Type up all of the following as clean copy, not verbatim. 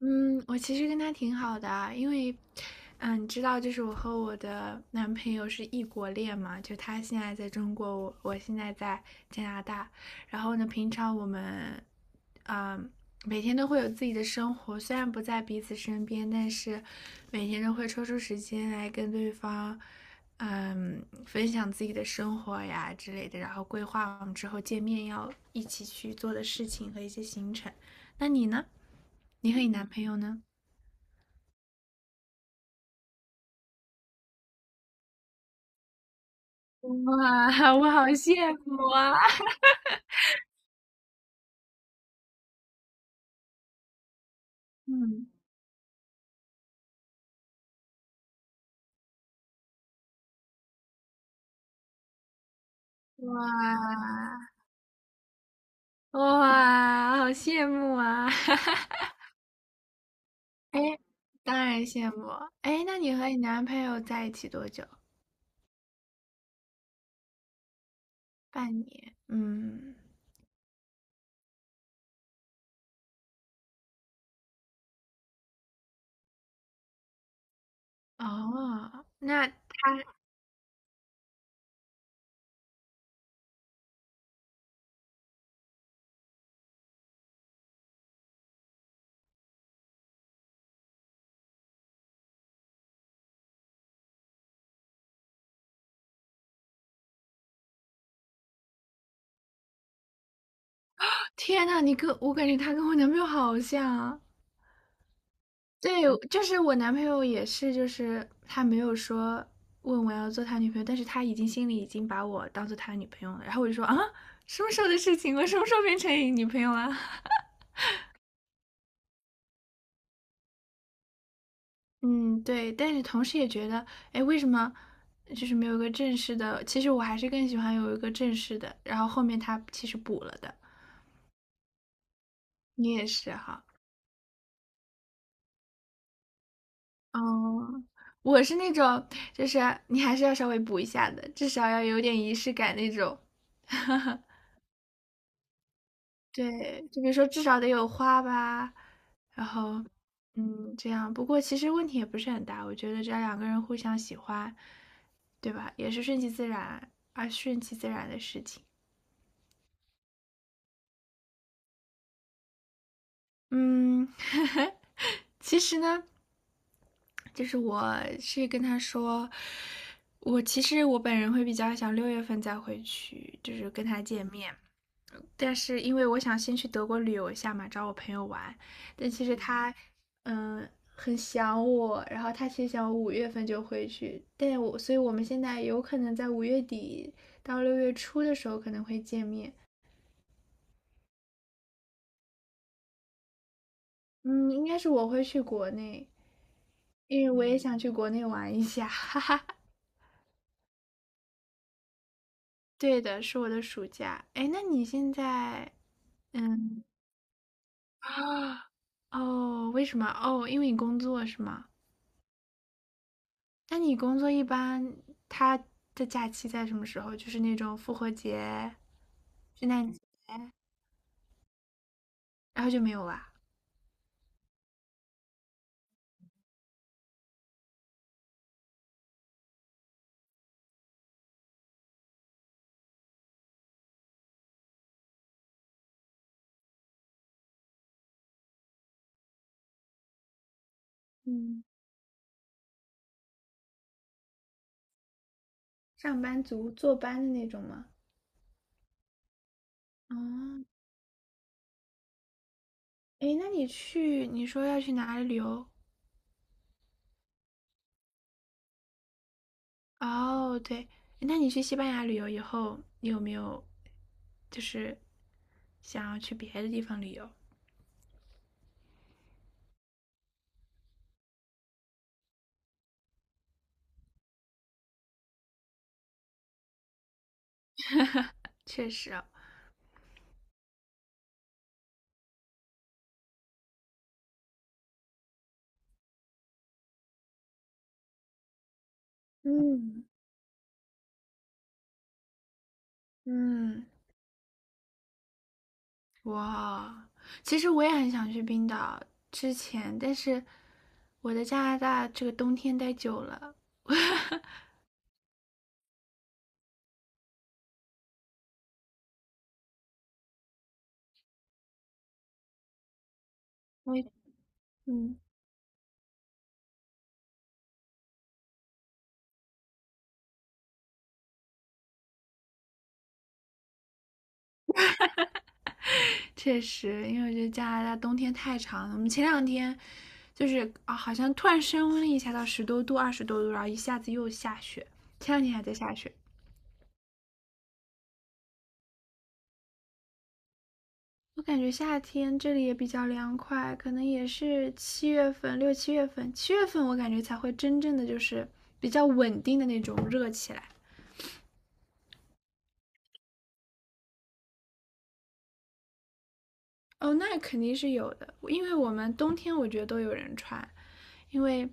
嗯，我其实跟他挺好的啊，因为，你知道，就是我和我的男朋友是异国恋嘛，就他现在在中国，我现在在加拿大，然后呢，平常我们，嗯，每天都会有自己的生活，虽然不在彼此身边，但是每天都会抽出时间来跟对方，分享自己的生活呀之类的，然后规划我们之后见面要一起去做的事情和一些行程。那你呢？你和你男朋友呢？哇，我好羡慕啊！嗯，哇哇，好羡慕啊！哎，当然羡慕。哎，那你和你男朋友在一起多久？半年。嗯，哦，那他，天呐，你跟我感觉他跟我男朋友好像啊。对，就是我男朋友也是，就是他没有说问我要做他女朋友，但是他已经心里已经把我当做他女朋友了。然后我就说啊，什么时候的事情？我什么时候变成你女朋友了？嗯，对。但是同时也觉得，哎，为什么就是没有一个正式的？其实我还是更喜欢有一个正式的。然后后面他其实补了的，你也是哈。嗯，我是那种，就是你还是要稍微补一下的，至少要有点仪式感那种。对，就比如说至少得有花吧，然后，这样。不过其实问题也不是很大，我觉得只要两个人互相喜欢，对吧？也是顺其自然，而顺其自然的事情。嗯，其实呢，就是我是跟他说，我其实我本人会比较想6月份再回去，就是跟他见面。但是因为我想先去德国旅游一下嘛，找我朋友玩，但其实他，嗯，很想我，然后他其实想我5月份就回去，但我，所以我们现在有可能在5月底到6月初的时候可能会见面，嗯，应该是我会去国内，因为我也想去国内玩一下，哈哈。对的，是我的暑假。哎，那你现在，嗯，啊，哦，为什么？哦，因为你工作是吗？那你工作一般，他的假期在什么时候？就是那种复活节、圣诞节，然后就没有啦。嗯，上班族坐班的那种吗？哦，诶，那你去，你说要去哪里旅游？哦，对，那你去西班牙旅游以后，你有没有就是想要去别的地方旅游？确实啊，嗯，嗯，哇，其实我也很想去冰岛，之前，但是我在加拿大这个冬天待久了，我也嗯，确实，因为我觉得加拿大冬天太长了。我们前两天就是啊，好像突然升温了一下到十多度、20多度，然后一下子又下雪，前两天还在下雪。我感觉夏天这里也比较凉快，可能也是七月份、6、7月份，七月份我感觉才会真正的就是比较稳定的那种热起来。哦，那肯定是有的，因为我们冬天我觉得都有人穿，因为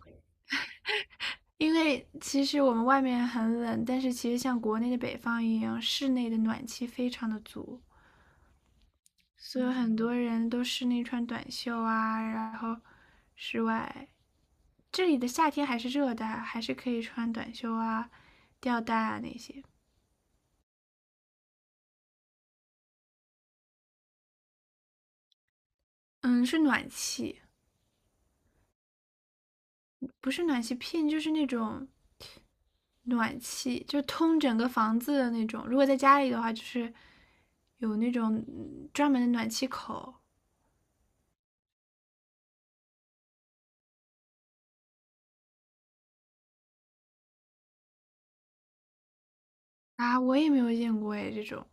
因为其实我们外面很冷，但是其实像国内的北方一样，室内的暖气非常的足，所以很多人都室内穿短袖啊，然后室外这里的夏天还是热的，还是可以穿短袖啊、吊带啊那些。嗯，是暖气，不是暖气片，就是那种暖气，就通整个房子的那种。如果在家里的话，就是有那种专门的暖气口啊，我也没有见过哎，这种。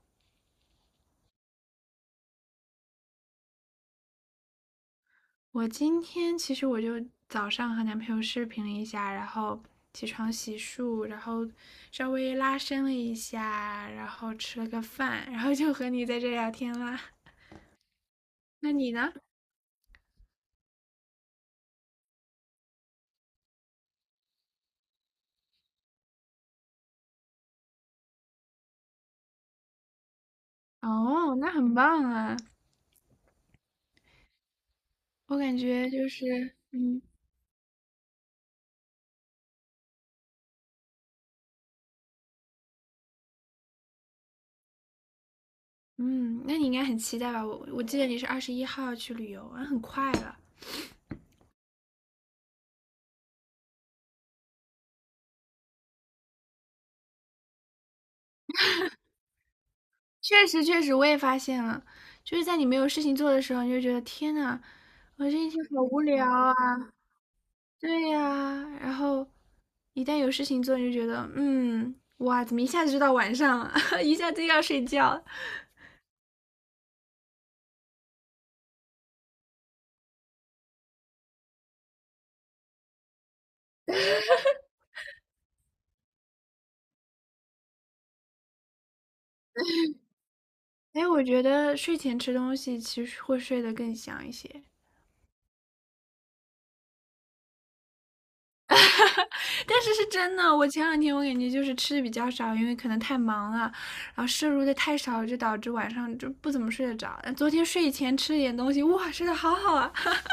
我今天其实我就早上和男朋友视频了一下，然后起床洗漱，然后稍微拉伸了一下，然后吃了个饭，然后就和你在这聊天啦。那你呢？哦，那很棒啊！我感觉就是，嗯嗯，那你应该很期待吧？我记得你是21号去旅游啊，很快了。确实确实，我也发现了，就是在你没有事情做的时候，你就觉得天呐，我这一天好无聊啊。对呀，然后一旦有事情做，你就觉得哇，怎么一下子就到晚上了，一下子又要睡觉了。哎，我觉得睡前吃东西其实会睡得更香一些，但是是真的，我前两天我感觉就是吃的比较少，因为可能太忙了，然后摄入的太少，就导致晚上就不怎么睡得着。昨天睡前吃了点东西，哇，睡得好好啊。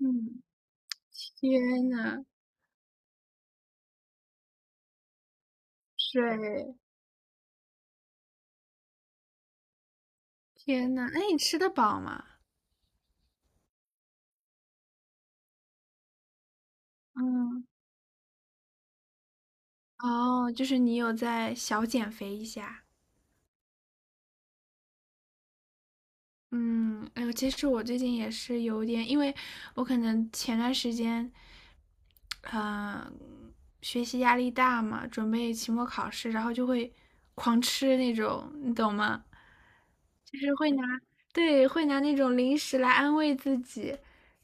嗯。天呐，水，天呐，那你吃得饱吗？嗯，哦，就是你有在小减肥一下。嗯，哎呦，其实我最近也是有点，因为我可能前段时间，呃，学习压力大嘛，准备期末考试，然后就会狂吃那种，你懂吗？就是会拿，对，会拿那种零食来安慰自己，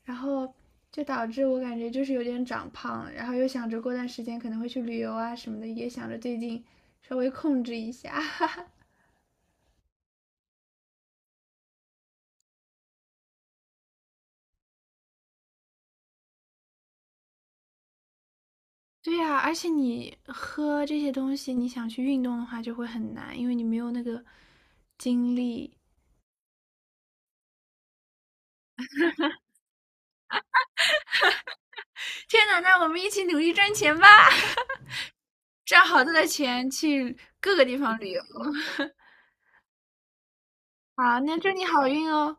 然后就导致我感觉就是有点长胖，然后又想着过段时间可能会去旅游啊什么的，也想着最近稍微控制一下。对呀，而且你喝这些东西，你想去运动的话就会很难，因为你没有那个精力。天呐，那我们一起努力赚钱吧，赚好多的钱去各个地方旅游。好，那祝你好运哦。